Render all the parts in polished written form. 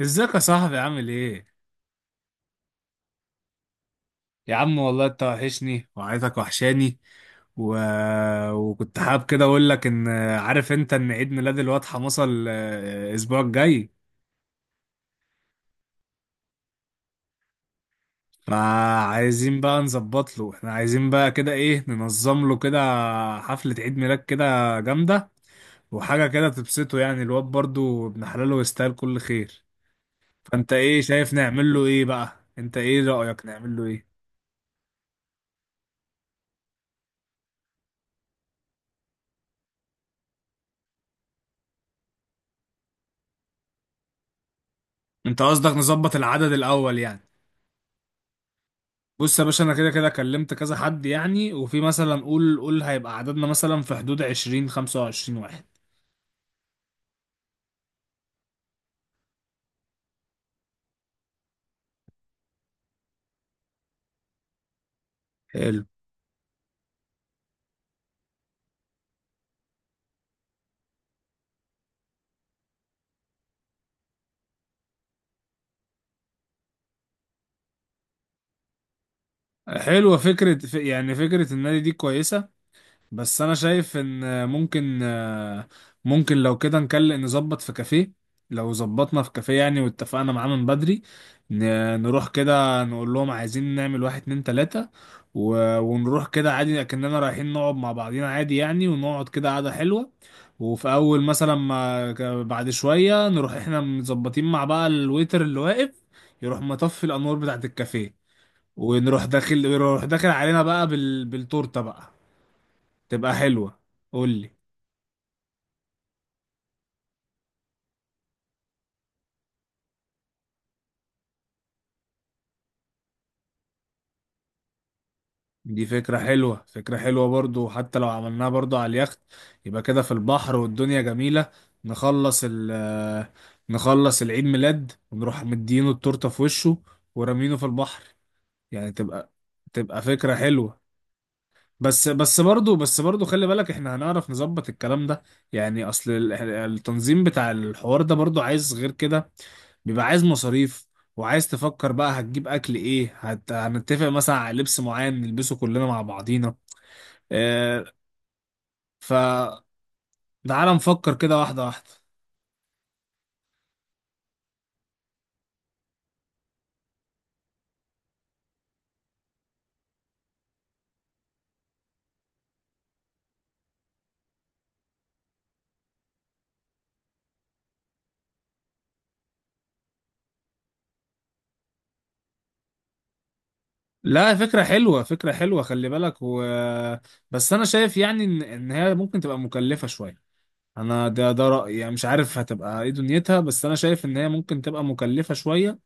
ازيك يا صاحبي عامل ايه؟ يا عم والله انت وحشني وعيلتك وحشاني. و... وكنت حابب كده اقول لك ان عارف انت ان عيد ميلاد الواد حمصة الاسبوع الجاي. فعايزين بقى نظبط له، احنا عايزين بقى كده ايه ننظم له كده حفلة عيد ميلاد كده جامدة، وحاجة كده تبسطه يعني، الواد برضو ابن حلاله يستاهل كل خير. فانت ايه شايف نعمل له ايه بقى؟ انت ايه رأيك نعمل له ايه؟ انت قصدك نظبط العدد الاول يعني. بص يا باشا، انا كده كده كلمت كذا حد يعني، وفي مثلا قول هيبقى عددنا مثلا في حدود 20 25 واحد. حلو. حلوة فكرة، يعني فكرة النادي دي كويسة، بس انا شايف ان ممكن، ممكن لو كده نكلم نظبط في كافيه. لو ظبطنا في كافيه يعني واتفقنا معاه من بدري، ن- نروح كده نقول لهم عايزين نعمل واحد اتنين تلاتة، ونروح كده عادي، لكننا رايحين نقعد مع بعضينا عادي يعني، ونقعد كده قعدة حلوة. وفي اول مثلا ما بعد شوية نروح احنا مظبطين مع بقى الويتر اللي واقف يروح مطفي الانوار بتاعت الكافيه، ونروح داخل يروح داخل علينا بقى بالتورته بقى. تبقى حلوة. قول لي. دي فكرة حلوة، فكرة حلوة برضو. حتى لو عملناها برضو على اليخت يبقى كده في البحر والدنيا جميلة. نخلص ال آه، نخلص العيد ميلاد ونروح مدينه التورتة في وشه ورمينه في البحر، يعني تبقى، تبقى فكرة حلوة. بس برضو، برضو خلي بالك احنا هنعرف نظبط الكلام ده. يعني اصل التنظيم بتاع الحوار ده برضو عايز غير كده، بيبقى عايز مصاريف، وعايز تفكر بقى هتجيب اكل ايه، هنتفق مثلا على لبس معين نلبسه كلنا مع بعضينا. آه. ف تعالى نفكر كده واحدة واحدة. لا، فكرة حلوة، فكرة حلوة، خلي بالك. بس انا شايف يعني ان إن هي ممكن تبقى مكلفة شوية. انا ده رأيي يعني، مش عارف هتبقى ايه دنيتها، بس انا شايف ان هي ممكن تبقى مكلفة شوية.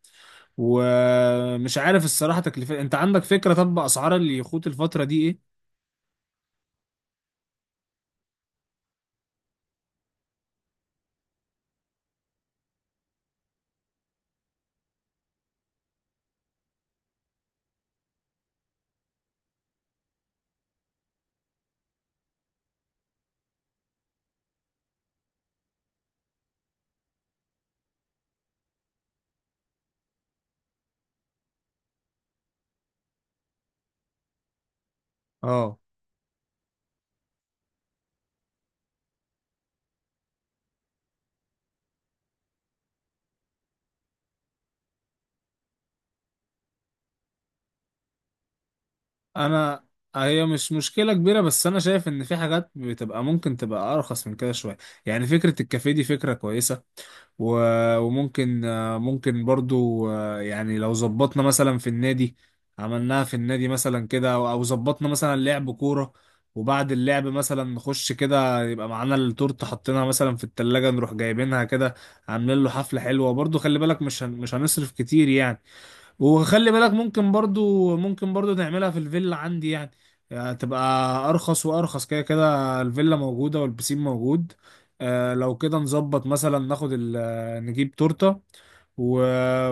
ومش عارف الصراحة تكلفة، انت عندك فكرة طب اسعار اليخوت الفترة دي ايه؟ اه. انا هي مش مشكله كبيره، بس انا شايف ان في حاجات بتبقى ممكن تبقى ارخص من كده شويه. يعني فكره الكافيه دي فكره كويسه، وممكن ممكن برضو يعني لو ظبطنا مثلا في النادي، عملناها في النادي مثلا كده، او أو ظبطنا مثلا لعب كورة، وبعد اللعب مثلا نخش كده يبقى معانا التورته حاطينها مثلا في التلاجة نروح جايبينها كده، عاملين له حفلة حلوة برضو. خلي بالك مش مش هنصرف كتير يعني. وخلي بالك ممكن برضو، ممكن برضو تعملها في الفيلا عندي يعني، يعني تبقى ارخص وارخص، كده كده الفيلا موجودة والبسين موجود. آه، لو كده نظبط مثلا ناخد نجيب تورتة و...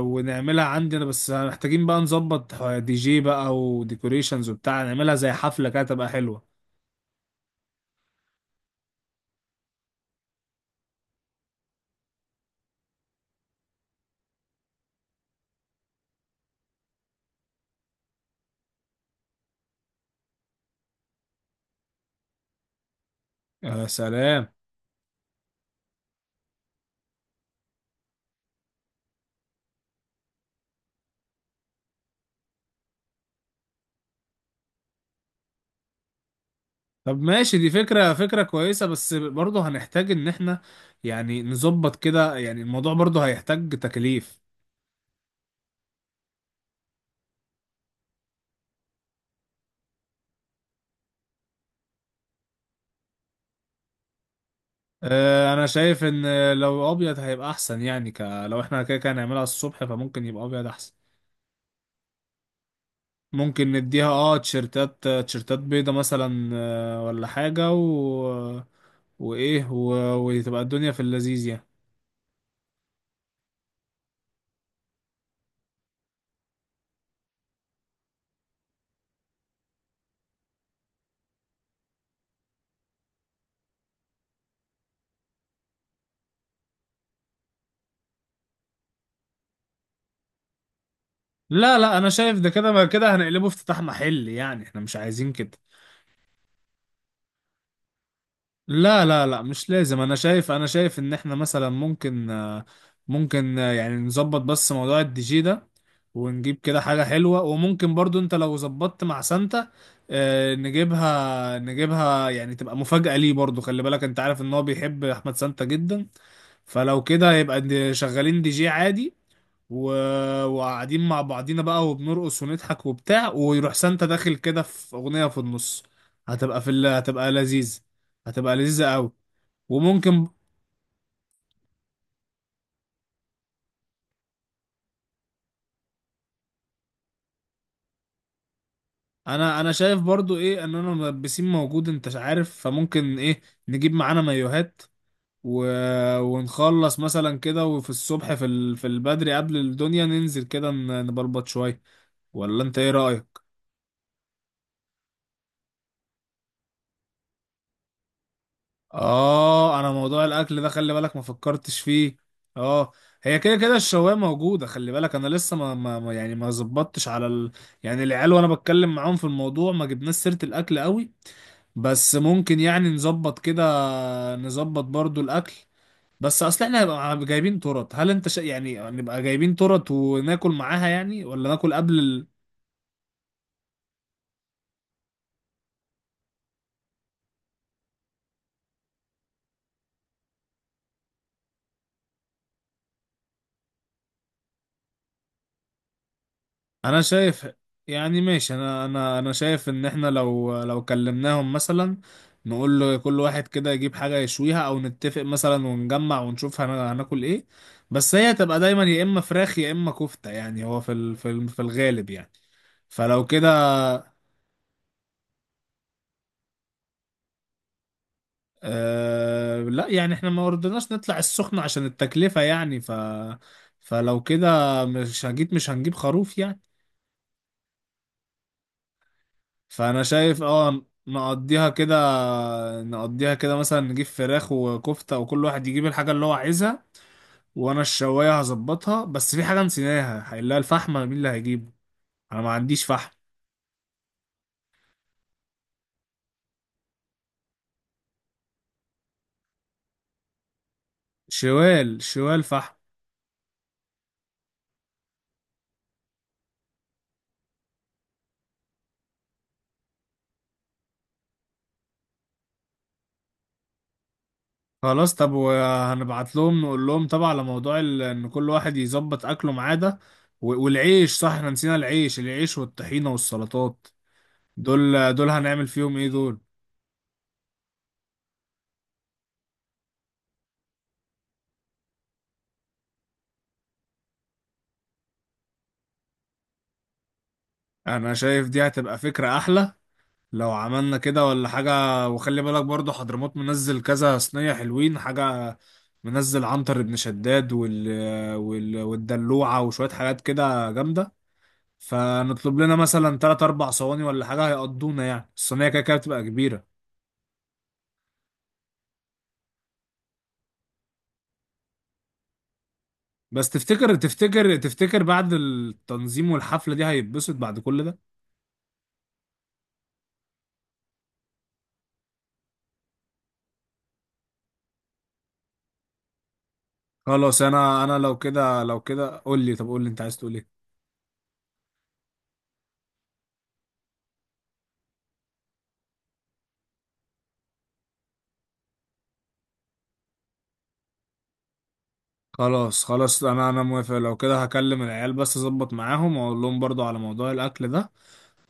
ونعملها عندنا، بس محتاجين بقى نظبط دي جي بقى وديكوريشنز وبتاع، نعملها زي حفلة كده تبقى حلوة. يا سلام. طب ماشي، دي فكرة، فكرة كويسة، بس برضه هنحتاج ان احنا يعني نظبط كده، يعني الموضوع برضه هيحتاج تكاليف. انا شايف ان لو ابيض هيبقى احسن يعني، لو احنا كده كده هنعملها الصبح فممكن يبقى ابيض احسن. ممكن نديها اه تيشرتات، تيشرتات بيضة مثلا ولا حاجة، وايه وتبقى الدنيا في اللذيذ يعني. لا لا، انا شايف ده كده، ما كده هنقلبه افتتاح محل يعني، احنا مش عايزين كده. لا لا لا، مش لازم. انا شايف، انا شايف ان احنا مثلا ممكن ممكن يعني نظبط بس موضوع الدي جي ده، ونجيب كده حاجة حلوة، وممكن برضو انت لو ظبطت مع سانتا نجيبها، نجيبها، يعني تبقى مفاجأة ليه برضو. خلي بالك انت عارف ان هو بيحب احمد سانتا جدا. فلو كده يبقى شغالين دي جي عادي، و... وقاعدين مع بعضينا بقى وبنرقص ونضحك وبتاع، ويروح سانتا داخل كده في أغنية في النص، هتبقى في هتبقى لذيذ. هتبقى لذيذة قوي. وممكن، انا، انا شايف برضو ايه ان انا ملبسين موجود انت عارف، فممكن ايه نجيب معانا مايوهات و... ونخلص مثلا كده، وفي الصبح في في البدري قبل الدنيا ننزل كده نبلبط شوية. ولا انت ايه رأيك؟ اه. انا موضوع الاكل ده خلي بالك ما فكرتش فيه. اه. هي كده كده الشوايه موجودة. خلي بالك انا لسه يعني ما زبطتش على يعني العيال وانا بتكلم معاهم في الموضوع ما جبناش سيرة الاكل قوي. بس ممكن يعني نظبط كده، نظبط برضو الاكل. بس اصل احنا هنبقى جايبين ترط، هل انت يعني نبقى جايبين ترط وناكل معاها يعني، ولا ناكل قبل انا شايف يعني، ماشي، انا انا شايف ان احنا لو كلمناهم مثلا نقول له كل واحد كده يجيب حاجة يشويها، او نتفق مثلا ونجمع ونشوف هناكل ايه. بس هي هتبقى دايما يا اما فراخ يا اما كفتة يعني، هو في في الغالب يعني. فلو كده. أه لا، يعني احنا ما رضيناش نطلع السخنة عشان التكلفة يعني. فلو كده مش هجيب، مش هنجيب خروف يعني. فأنا شايف اه نقضيها كده، نقضيها كده مثلا نجيب فراخ وكفتة وكل واحد يجيب الحاجة اللي هو عايزها. وأنا الشواية هظبطها، بس في حاجة نسيناها، هنلاقي الفحم مين اللي هيجيبه؟ أنا ما عنديش فحم. شوال، شوال فحم. خلاص. طب وهنبعت لهم نقول لهم طبعا على موضوع ان كل واحد يظبط اكله معاه ده، والعيش، صح احنا نسينا العيش، العيش والطحينة والسلطات، دول، دول هنعمل فيهم ايه دول؟ انا شايف دي هتبقى فكرة احلى لو عملنا كده ولا حاجة. وخلي بالك برضو حضرموت منزل كذا صينية حلوين حاجة، منزل عنتر بن شداد والدلوعة وشوية حاجات كده جامدة، فنطلب لنا مثلا تلات أربع صواني ولا حاجة هيقضونا يعني، الصينية كده كده بتبقى كبيرة. بس تفتكر، تفتكر بعد التنظيم والحفلة دي هيتبسط بعد كل ده؟ خلاص. انا انا لو كده، لو كده قول لي، طب قول لي انت عايز تقول ايه. خلاص خلاص، انا انا موافق. لو كده هكلم العيال بس اظبط معاهم واقول لهم برضو على موضوع الاكل ده،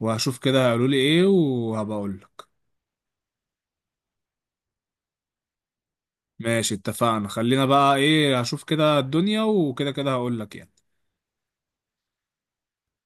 وهشوف كده هيقولوا لي ايه وهبقى اقول لك. ماشي اتفقنا، خلينا بقى ايه هشوف كده الدنيا وكده كده هقول لك يعني.